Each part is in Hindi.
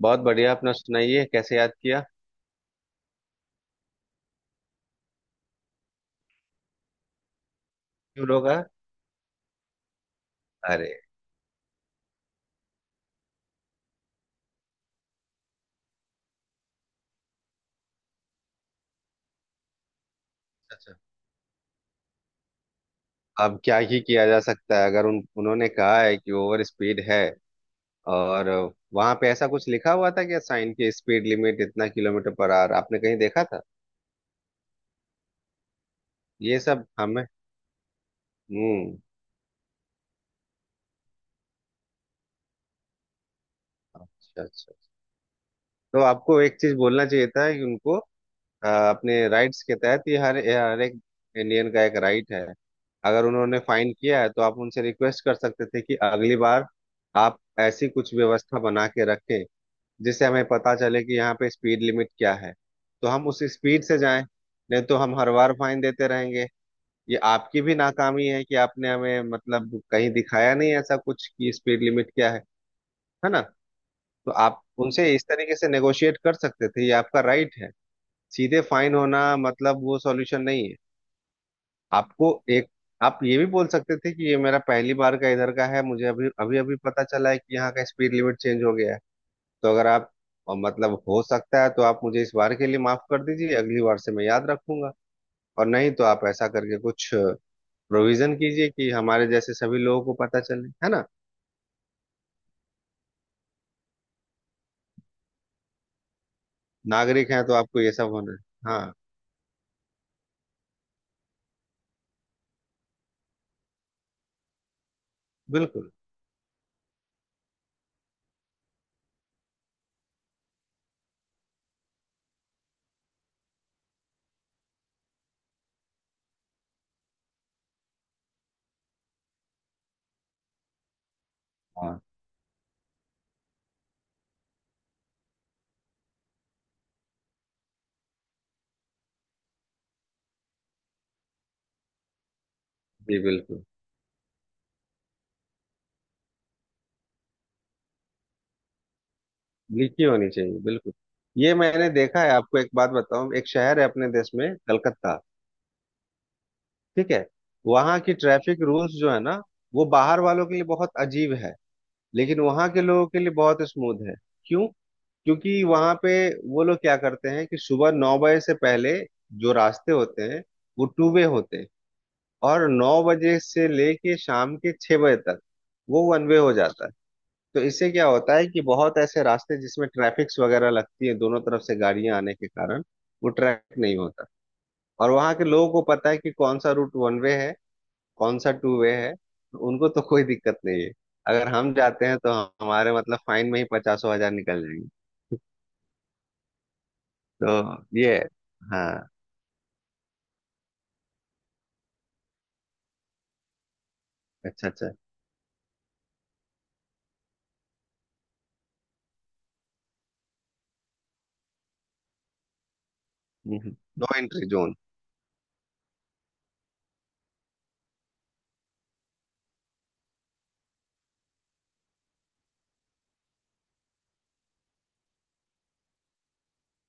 बहुत बढ़िया। अपना सुनाइए, कैसे याद किया? क्यों रोका? अरे। अच्छा। अब क्या ही किया जा सकता है अगर उन उन्होंने कहा है कि ओवर स्पीड है। और वहां पे ऐसा कुछ लिखा हुआ था क्या? साइन की स्पीड लिमिट इतना किलोमीटर पर आवर, आपने कहीं देखा था? ये सब हमें। हम्म। अच्छा, अच्छा। तो आपको एक चीज बोलना चाहिए था कि उनको अपने राइट्स के तहत, ये हर हर एक इंडियन का एक राइट है। अगर उन्होंने फाइन किया है तो आप उनसे रिक्वेस्ट कर सकते थे कि अगली बार आप ऐसी कुछ व्यवस्था बना के रखें जिससे हमें पता चले कि यहाँ पे स्पीड लिमिट क्या है, तो हम उस स्पीड से जाएं। नहीं तो हम हर बार फाइन देते रहेंगे। ये आपकी भी नाकामी है कि आपने हमें मतलब कहीं दिखाया नहीं ऐसा कुछ कि स्पीड लिमिट क्या है ना। तो आप उनसे इस तरीके से नेगोशिएट कर सकते थे, ये आपका राइट है। सीधे फाइन होना मतलब वो सॉल्यूशन नहीं है। आपको एक, आप ये भी बोल सकते थे कि ये मेरा पहली बार का इधर का है, मुझे अभी अभी अभी पता चला है कि यहाँ का स्पीड लिमिट चेंज हो गया है। तो अगर आप, और मतलब हो सकता है तो आप मुझे इस बार के लिए माफ कर दीजिए, अगली बार से मैं याद रखूंगा। और नहीं तो आप ऐसा करके कुछ प्रोविजन कीजिए कि हमारे जैसे सभी लोगों को पता चले, है ना। नागरिक हैं तो आपको ये सब होना है। हाँ। बिल्कुल। हाँ जी, बिल्कुल। लीची होनी चाहिए, बिल्कुल। ये मैंने देखा है, आपको एक बात बताऊं। एक शहर है अपने देश में, कलकत्ता, ठीक है। वहां की ट्रैफिक रूल्स जो है ना, वो बाहर वालों के लिए बहुत अजीब है, लेकिन वहां के लोगों के लिए बहुत स्मूथ है। क्यों? क्योंकि वहां पे, वो लोग क्या करते हैं कि सुबह 9 बजे से पहले जो रास्ते होते हैं वो टू वे होते हैं, और 9 बजे से लेके शाम के 6 बजे तक वो वन वे हो जाता है। तो इससे क्या होता है कि बहुत ऐसे रास्ते जिसमें ट्रैफिक्स वगैरह लगती है दोनों तरफ से गाड़ियां आने के कारण, वो ट्रैफिक नहीं होता। और वहां के लोगों को पता है कि कौन सा रूट वन वे है, कौन सा टू वे है, तो उनको तो कोई दिक्कत नहीं है। अगर हम जाते हैं तो हमारे मतलब फाइन में ही पचासों हजार निकल जाएंगे। तो ये है। हाँ। अच्छा, अच्छा। No entry zone.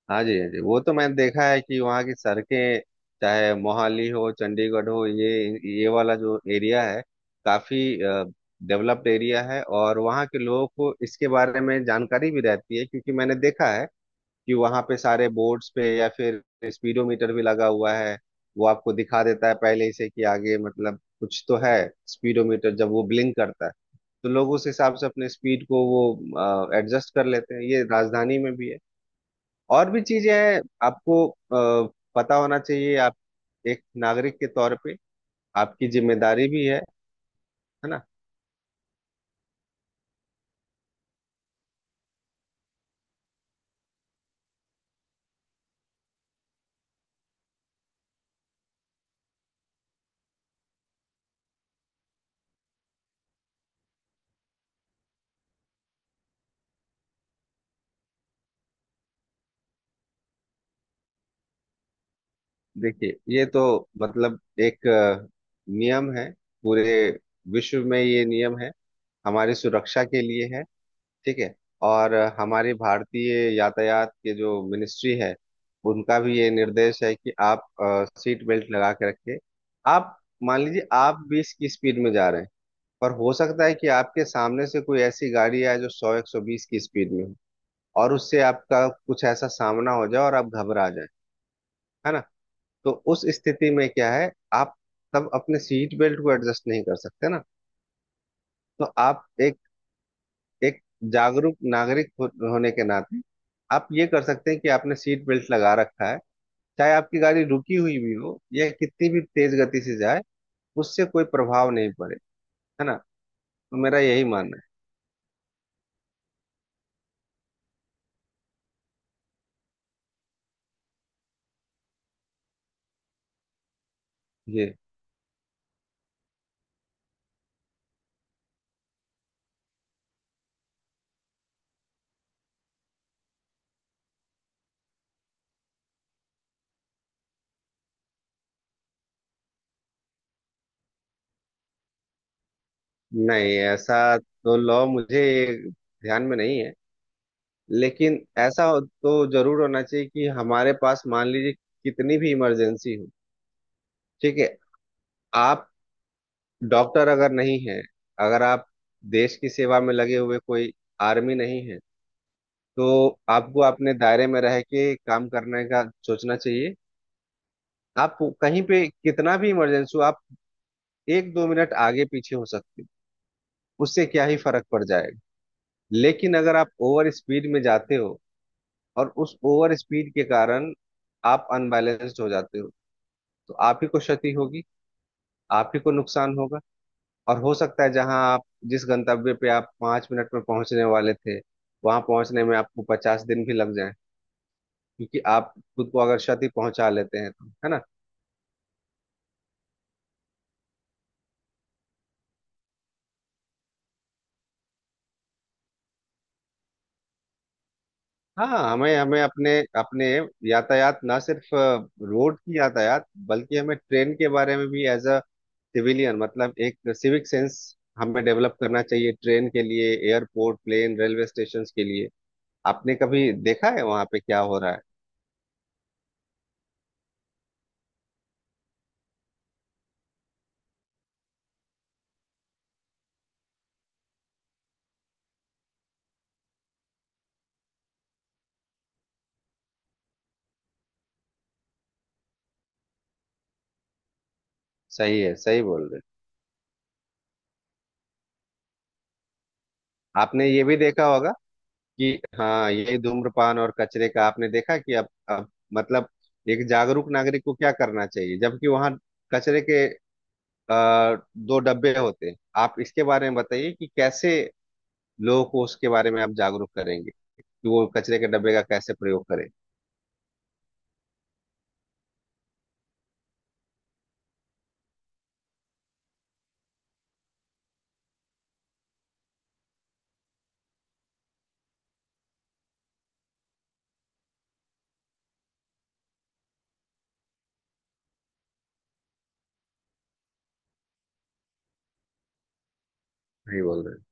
हाँ जी, हाँ जी, वो तो मैंने देखा है कि वहाँ की सड़कें, चाहे मोहाली हो, चंडीगढ़ हो, ये वाला जो एरिया है, काफी डेवलप्ड एरिया है, और वहाँ के लोगों को इसके बारे में जानकारी भी रहती है, क्योंकि मैंने देखा है कि वहाँ पे सारे बोर्ड्स पे या फिर स्पीडोमीटर भी लगा हुआ है। वो आपको दिखा देता है पहले ही से कि आगे मतलब कुछ तो है। स्पीडोमीटर जब वो ब्लिंक करता है तो लोग उस हिसाब से अपने स्पीड को वो एडजस्ट कर लेते हैं। ये राजधानी में भी है, और भी चीजें हैं। आपको पता होना चाहिए, आप एक नागरिक के तौर पे, आपकी जिम्मेदारी भी है ना। देखिए, ये तो मतलब एक नियम है। पूरे विश्व में ये नियम है, हमारी सुरक्षा के लिए है, ठीक है। और हमारी भारतीय यातायात के जो मिनिस्ट्री है, उनका भी ये निर्देश है कि आप सीट बेल्ट लगा के रखें। आप मान लीजिए आप 20 की स्पीड में जा रहे हैं, पर हो सकता है कि आपके सामने से कोई ऐसी गाड़ी आए जो 100, 120 की स्पीड में हो, और उससे आपका कुछ ऐसा सामना हो जाए और आप घबरा जाए, है ना। तो उस स्थिति में क्या है, आप तब अपने सीट बेल्ट को एडजस्ट नहीं कर सकते ना। तो आप एक, एक जागरूक नागरिक हो, होने के नाते आप ये कर सकते हैं कि आपने सीट बेल्ट लगा रखा है, चाहे आपकी गाड़ी रुकी हुई भी हो या कितनी भी तेज गति से जाए, उससे कोई प्रभाव नहीं पड़े, है ना। तो मेरा यही मानना है। जी। नहीं, ऐसा तो लॉ मुझे ध्यान में नहीं है। लेकिन तो जरूर होना चाहिए कि हमारे पास, मान लीजिए कितनी भी इमरजेंसी हो, ठीक है। आप डॉक्टर अगर नहीं है, अगर आप देश की सेवा में लगे हुए कोई आर्मी नहीं है, तो आपको अपने दायरे में रह के काम करने का सोचना चाहिए। आप कहीं पे कितना भी इमरजेंसी हो, आप एक दो मिनट आगे पीछे हो सकते हो, उससे क्या ही फर्क पड़ जाएगा। लेकिन अगर आप ओवर स्पीड में जाते हो, और उस ओवर स्पीड के कारण आप अनबैलेंस्ड हो जाते हो, तो आप ही को क्षति होगी, आप ही को नुकसान होगा। और हो सकता है जहां आप, जिस गंतव्य पे आप 5 मिनट में पहुंचने वाले थे, वहां पहुंचने में आपको 50 दिन भी लग जाए, क्योंकि आप खुद को अगर क्षति पहुंचा लेते हैं तो, है ना। हाँ, हमें हमें अपने अपने यातायात, ना सिर्फ रोड की यातायात बल्कि हमें ट्रेन के बारे में भी, एज अ सिविलियन मतलब एक सिविक सेंस हमें डेवलप करना चाहिए। ट्रेन के लिए, एयरपोर्ट, प्लेन, रेलवे स्टेशन के लिए, आपने कभी देखा है वहां पे क्या हो रहा है? सही है, सही बोल रहे हैं। आपने ये भी देखा होगा कि, हाँ, ये धूम्रपान और कचरे का आपने देखा कि अब मतलब एक जागरूक नागरिक को क्या करना चाहिए, जबकि वहां कचरे के दो डब्बे होते हैं। आप इसके बारे में बताइए कि कैसे लोगों को उसके बारे में आप जागरूक करेंगे कि वो कचरे के डब्बे का कैसे प्रयोग करें। सही बोल रहे हैं।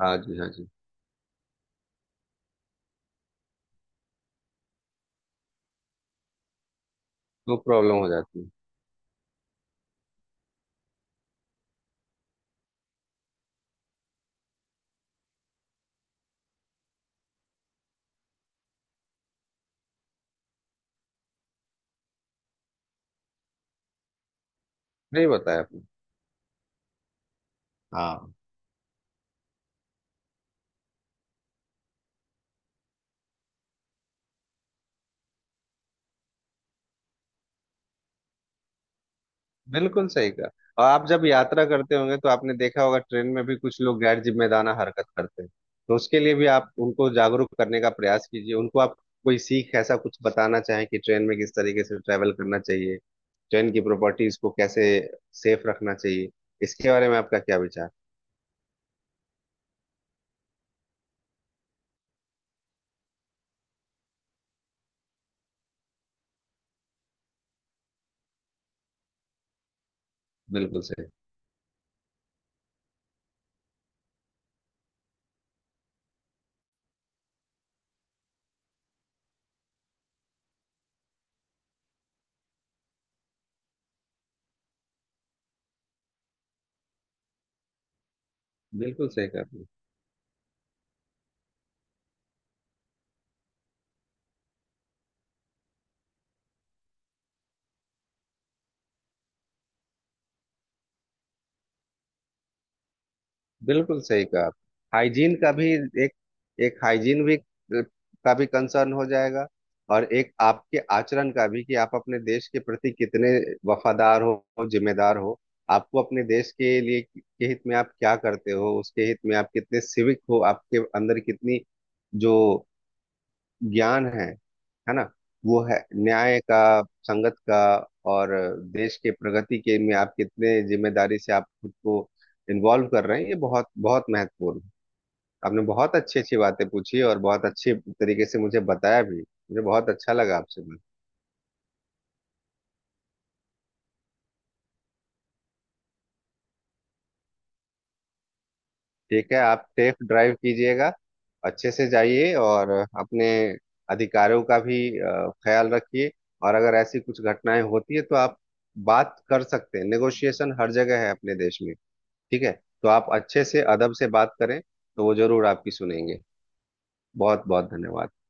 हाँ जी, हाँ जी, वो प्रॉब्लम हो जाती है। नहीं बताया आपने। हाँ, बिल्कुल सही कहा। और आप जब यात्रा करते होंगे तो आपने देखा होगा ट्रेन में भी कुछ लोग गैर जिम्मेदाराना हरकत करते हैं, तो उसके लिए भी आप उनको जागरूक करने का प्रयास कीजिए। उनको आप कोई सीख ऐसा कुछ बताना चाहें कि ट्रेन में किस तरीके से ट्रैवल करना चाहिए, ट्रेन की प्रॉपर्टीज को कैसे सेफ रखना चाहिए, इसके बारे में आपका क्या विचार? बिल्कुल सही। बिल्कुल सही कहा। बिल्कुल सही कहा आप। हाइजीन का भी एक, एक हाइजीन भी का भी कंसर्न हो जाएगा। और एक आपके आचरण का भी, कि आप अपने देश के प्रति कितने वफादार हो, जिम्मेदार हो। आपको अपने देश के लिए, के हित में आप क्या करते हो, उसके हित में आप कितने सिविक हो, आपके अंदर कितनी जो ज्ञान है ना, वो है न्याय का, संगत का, और देश के प्रगति के में आप कितने जिम्मेदारी से आप खुद को इन्वॉल्व कर रहे हैं, ये बहुत बहुत महत्वपूर्ण है। आपने बहुत अच्छी अच्छी बातें पूछी और बहुत अच्छे तरीके से मुझे बताया भी। मुझे बहुत अच्छा लगा आपसे मिल। ठीक है, आप सेफ ड्राइव कीजिएगा, अच्छे से जाइए। और अपने अधिकारों का भी ख्याल रखिए। और अगर ऐसी कुछ घटनाएं होती है तो आप बात कर सकते हैं। नेगोशिएशन हर जगह है अपने देश में, ठीक है। तो आप अच्छे से, अदब से बात करें, तो वो जरूर आपकी सुनेंगे। बहुत बहुत धन्यवाद।